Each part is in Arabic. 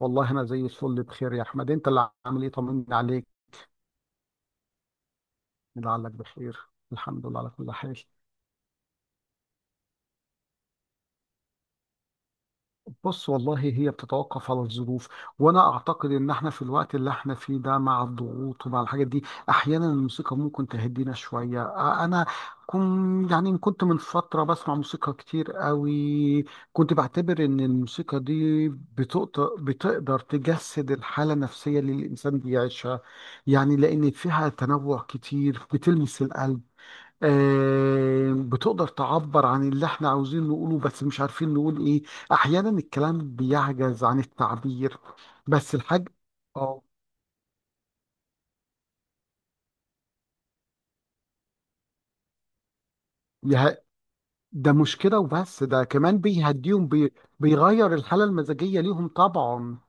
والله انا زي الفل بخير يا احمد، انت اللي عامل ايه؟ طمني عليك، لعلك بخير. الحمد لله على كل حال. بص، والله هي بتتوقف على الظروف. وانا اعتقد ان احنا في الوقت اللي احنا فيه ده، مع الضغوط ومع الحاجات دي، احيانا الموسيقى ممكن تهدينا شويه. انا كن يعني كنت من فتره بسمع موسيقى كتير قوي. كنت بعتبر ان الموسيقى دي بتقدر تجسد الحاله النفسيه اللي الانسان بيعيشها، يعني لان فيها تنوع كتير بتلمس القلب. بتقدر تعبر عن اللي احنا عاوزين نقوله بس مش عارفين نقول ايه. احيانا الكلام بيعجز عن التعبير. بس الحاج اه. يه- ده مشكلة، وبس ده كمان بيهديهم، بيغير الحالة المزاجية ليهم طبعا.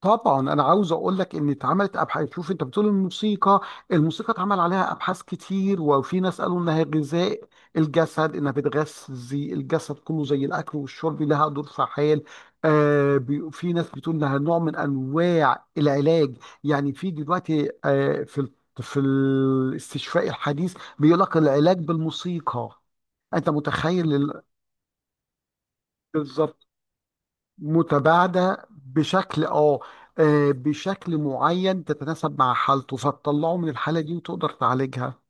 طبعا انا عاوز اقول لك ان اتعملت ابحاث. شوف، انت بتقول الموسيقى. الموسيقى اتعمل عليها ابحاث كتير، وفي ناس قالوا انها غذاء الجسد، انها بتغذي الجسد كله زي الاكل والشرب، لها دور فعال. آه، في ناس بتقول انها نوع من انواع العلاج. يعني في دلوقتي، آه، في الاستشفاء الحديث بيقول لك العلاج بالموسيقى. انت متخيل بالظبط. متباعدة بشكل اه، آه، بشكل معين تتناسب مع حالته فتطلعه من الحالة دي وتقدر تعالجها.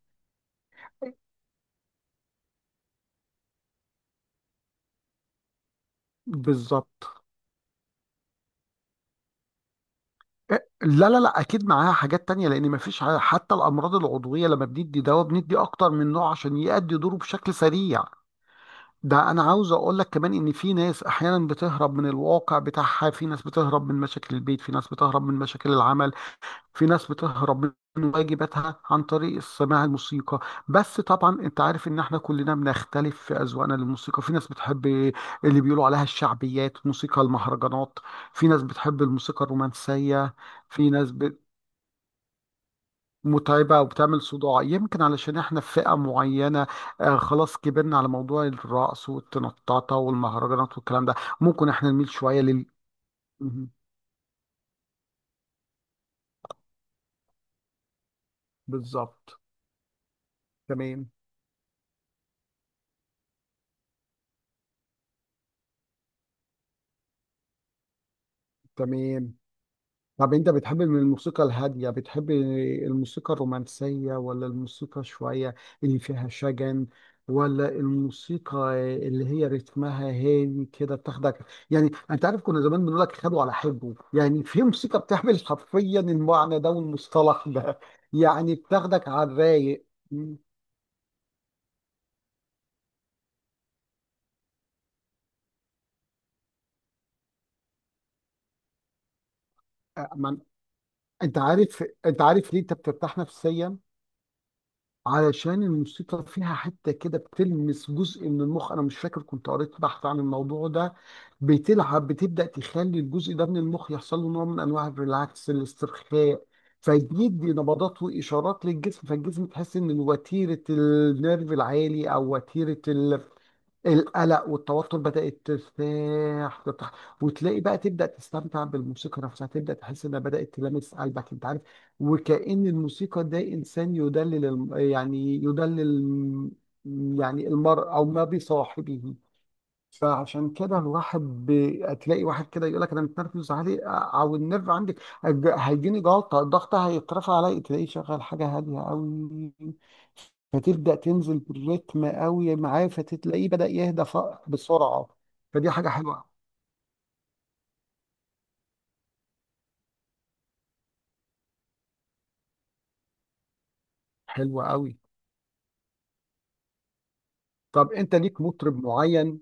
بالظبط. إيه، لا لا لا، اكيد معاها حاجات تانية، لان مفيش حتى الامراض العضوية لما بندي دواء بندي اكتر من نوع عشان يأدي دوره بشكل سريع. ده انا عاوز اقول لك كمان ان في ناس احيانا بتهرب من الواقع بتاعها، في ناس بتهرب من مشاكل البيت، في ناس بتهرب من مشاكل العمل، في ناس بتهرب من واجباتها عن طريق سماع الموسيقى. بس طبعا انت عارف ان احنا كلنا بنختلف في اذواقنا للموسيقى. في ناس بتحب اللي بيقولوا عليها الشعبيات، موسيقى المهرجانات. في ناس بتحب الموسيقى الرومانسية. في ناس متعبة وبتعمل صداع. يمكن علشان احنا في فئة معينة، آه، خلاص كبرنا على موضوع الرقص والتنططة والمهرجانات والكلام ده. ممكن احنا نميل شوية لل، مهم. بالظبط. تمام. تمام. طب انت بتحب من الموسيقى الهادية، بتحب الموسيقى الرومانسية، ولا الموسيقى شوية اللي فيها شجن، ولا الموسيقى اللي هي رتمها هادي كده بتاخدك؟ يعني انت عارف كنا زمان بنقول لك خدوا على حبه، يعني في موسيقى بتعمل حرفيا المعنى ده والمصطلح ده. يعني بتاخدك على الرايق. م- أ- من- انت عارف، ليه انت بترتاح نفسيا؟ علشان الموسيقى فيها حتة كده بتلمس جزء من المخ. أنا مش فاكر، كنت قريت بحث عن الموضوع ده. بتبدأ تخلي الجزء ده من المخ يحصل له نوع من أنواع الريلاكس، الاسترخاء. فيدي نبضات وإشارات للجسم، فالجسم تحس إن وتيرة النيرف العالي، أو وتيرة القلق والتوتر، بدأت ترتاح. وتلاقي بقى تبدأ تستمتع بالموسيقى نفسها، تبدأ تحس انها بدأت تلامس قلبك، انت عارف. وكأن الموسيقى ده انسان يدلل يدلل يعني المرء او ما بصاحبه. فعشان كده الواحد تلاقي واحد كده يقول لك انا متنرفز عليه، او النرف عندي هيجيني جلطه، الضغط هيترفع عليا، تلاقيه شغال حاجه هاديه قوي، فتبدا تنزل بالريتم قوي معاه، فتلاقيه بدا يهدى بسرعه. فدي حاجه حلوه، حلوه قوي. طب انت ليك مطرب معين؟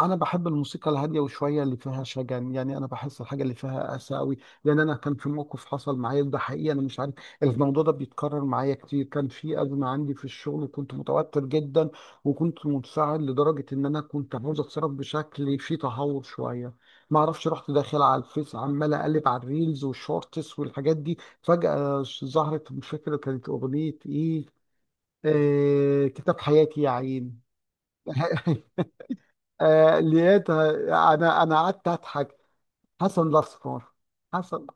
انا بحب الموسيقى الهاديه وشويه اللي فيها شجن. يعني انا بحس الحاجه اللي فيها اسى قوي. لان انا كان في موقف حصل معايا، ده حقيقي، انا مش عارف الموضوع ده بيتكرر معايا كتير. كان في ازمه عندي في الشغل وكنت متوتر جدا، وكنت منفعل لدرجه ان انا كنت عاوز اتصرف بشكل فيه تهور شويه. ما اعرفش رحت داخل على الفيس، عمال اقلب على الريلز والشورتس والحاجات دي، فجاه ظهرت، مش فاكره كانت اغنيه ايه، آه، كتاب حياتي يا عين. آه لقيتها. انا قعدت اضحك. حسن الاسمر. حسن.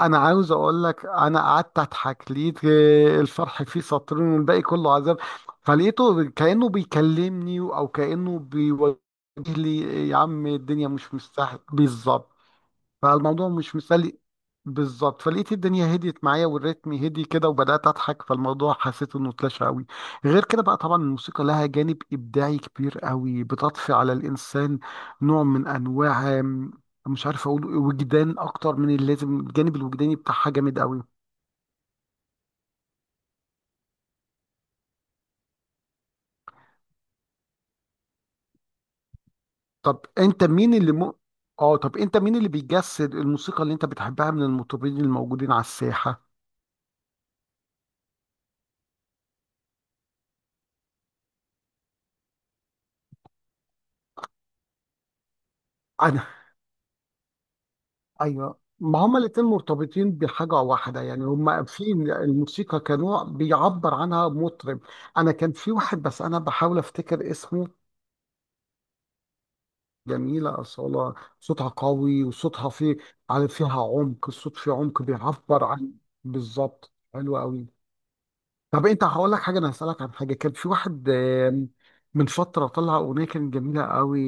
انا عاوز اقول لك، انا قعدت اضحك، لقيت آه، الفرح فيه سطرين والباقي كله عذاب. فلقيته كانه بيكلمني او كانه بيوجه لي، يا عم الدنيا مش مستاهله، بالظبط. فالموضوع مش مسلي. بالظبط. فلقيت الدنيا هديت معايا، والريتم هدي كده، وبدأت أضحك، فالموضوع حسيت إنه اتلاشى قوي. غير كده بقى، طبعا الموسيقى لها جانب إبداعي كبير قوي، بتضفي على الإنسان نوع من أنواع، مش عارف أقول وجدان أكتر من اللازم. الجانب الوجداني بتاعها جامد قوي. طب أنت مين اللي م... آه، طب أنت مين اللي بيجسد الموسيقى اللي أنت بتحبها من المطربين الموجودين على الساحة؟ ايوه، ما هما الاتنين مرتبطين بحاجة واحدة. يعني هما في الموسيقى كنوع بيعبر عنها مطرب. انا كان في واحد بس انا بحاول افتكر اسمه. جميلة أصالة. صوتها قوي، وصوتها فيه، على فيها عمق، الصوت فيه عمق بيعبر عن. بالظبط، حلو قوي. طب انت، هقول لك حاجة، انا هسألك عن حاجة. كان في واحد، من فترة طلع أغنية كانت جميلة قوي.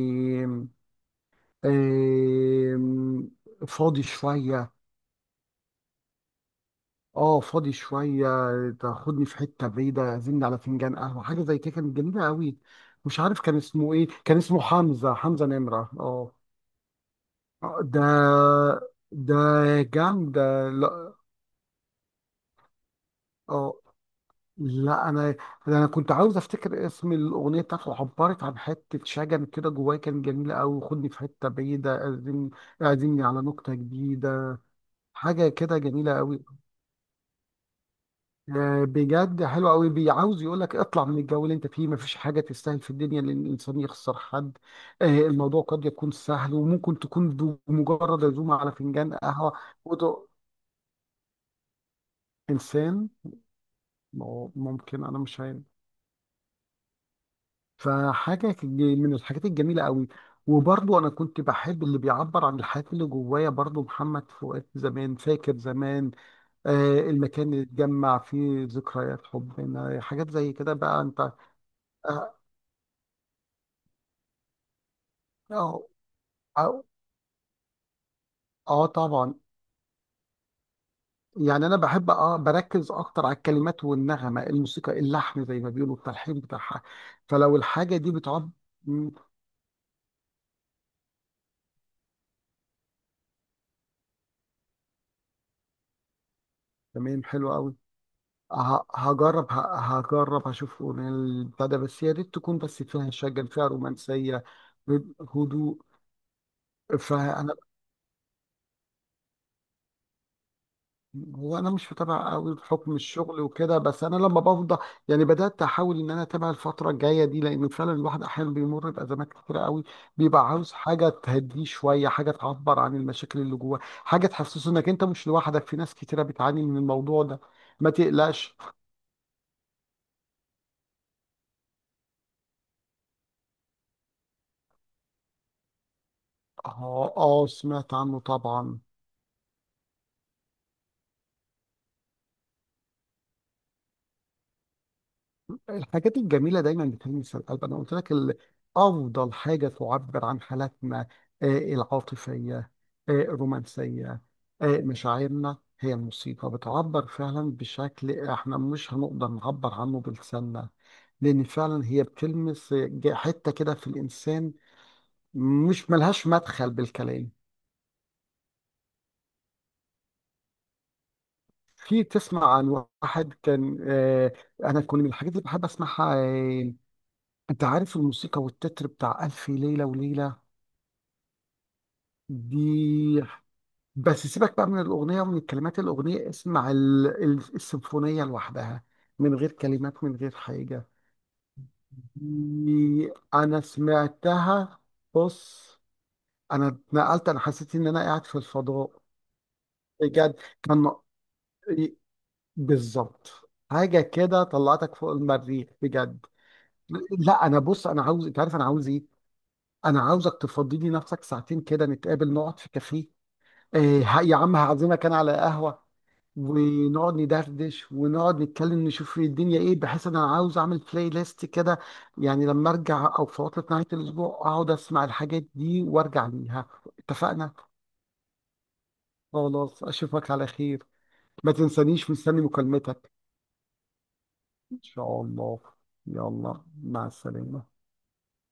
آم، فاضي شوية. اه، فاضي شوية. تاخدني في حتة بعيدة، عزمني على فنجان قهوة، حاجة زي كده، كانت جميلة قوي. مش عارف كان اسمه ايه، كان اسمه حمزة، حمزة نمرة، اه. آه، ده، ده جامد، لا. اه. لا انا، انا كنت عاوز افتكر اسم الاغنيه بتاعته، عبرت عن حته شجن كده جوايا، كان جميله قوي. خدني في حته بعيده، اعزمني، اعزمني على نكته جديده، حاجه كده جميله قوي. آه، بجد حلو قوي. بيعاوز يقول لك اطلع من الجو اللي انت فيه، مفيش حاجه تستاهل في الدنيا ان الانسان يخسر حد. آه، الموضوع قد يكون سهل، وممكن تكون بمجرد عزومه على فنجان قهوه ودق. انسان، ممكن، انا مش عارف. من الحاجات الجميله قوي. وبرضه انا كنت بحب اللي بيعبر عن الحاجات اللي جوايا. برضه محمد فؤاد زمان، فاكر زمان، آه، المكان اللي اتجمع فيه ذكريات حبنا، حاجات زي كده بقى انت. آه، آه، اه طبعا. يعني انا بحب اه بركز اكتر على الكلمات والنغمه، الموسيقى، اللحن زي ما بيقولوا، التلحين بتاعها، فلو الحاجه دي بتعب. مم، تمام، حلو قوي. هجرب، هجرب هشوف أغنية البتاع ده، بس يا ريت تكون بس فيها شجن، فيها رومانسيه، هدوء. فانا، هو انا مش متابع قوي بحكم الشغل وكده، بس انا لما بفضى يعني بدات احاول ان انا اتابع الفتره الجايه دي، لان فعلا الواحد احيانا بيمر بازمات كتيره قوي، بيبقى عاوز حاجه تهديه شويه، حاجه تعبر عن المشاكل اللي جواه، حاجه تحسسه انك انت مش لوحدك، في ناس كتيره بتعاني من الموضوع ده. ما تقلقش. اه، اه، سمعت عنه طبعا. الحاجات الجميلة دايما بتلمس القلب. أنا قلت لك أفضل حاجة تعبر عن حالاتنا، آه، العاطفية، آه، الرومانسية، آه، مشاعرنا، هي الموسيقى. بتعبر فعلا بشكل احنا مش هنقدر نعبر عنه بلساننا. لأن فعلا هي بتلمس، آه، حتة كده في الإنسان مش ملهاش مدخل بالكلام. في تسمع عن واحد كان، آه، أنا كل من الحاجات اللي بحب أسمعها، آه، أنت عارف الموسيقى والتتر بتاع ألف ليلة وليلة دي؟ بس سيبك بقى من الأغنية ومن الكلمات الأغنية، اسمع السيمفونية لوحدها، من غير كلمات من غير حاجة. دي أنا سمعتها. بص، أنا اتنقلت، أنا حسيت إن أنا قاعد في الفضاء، بجد. كان م- إيه، بالظبط، حاجة كده طلعتك فوق المريخ بجد. لا أنا، بص، أنا عاوز، أنت عارف أنا عاوز إيه؟ أنا عاوزك تفضي لي نفسك ساعتين كده، نتقابل نقعد في كافيه. إيه يا عم، هعزمك أنا على قهوة ونقعد ندردش ونقعد نتكلم نشوف ايه الدنيا ايه، بحيث انا عاوز اعمل بلاي ليست كده، يعني لما ارجع او في عطلة نهاية الاسبوع اقعد اسمع الحاجات دي وارجع ليها. اتفقنا. خلاص، اشوفك على خير. ما تنسانيش، مستني مكالمتك. ان شاء الله. يلا، مع السلامة.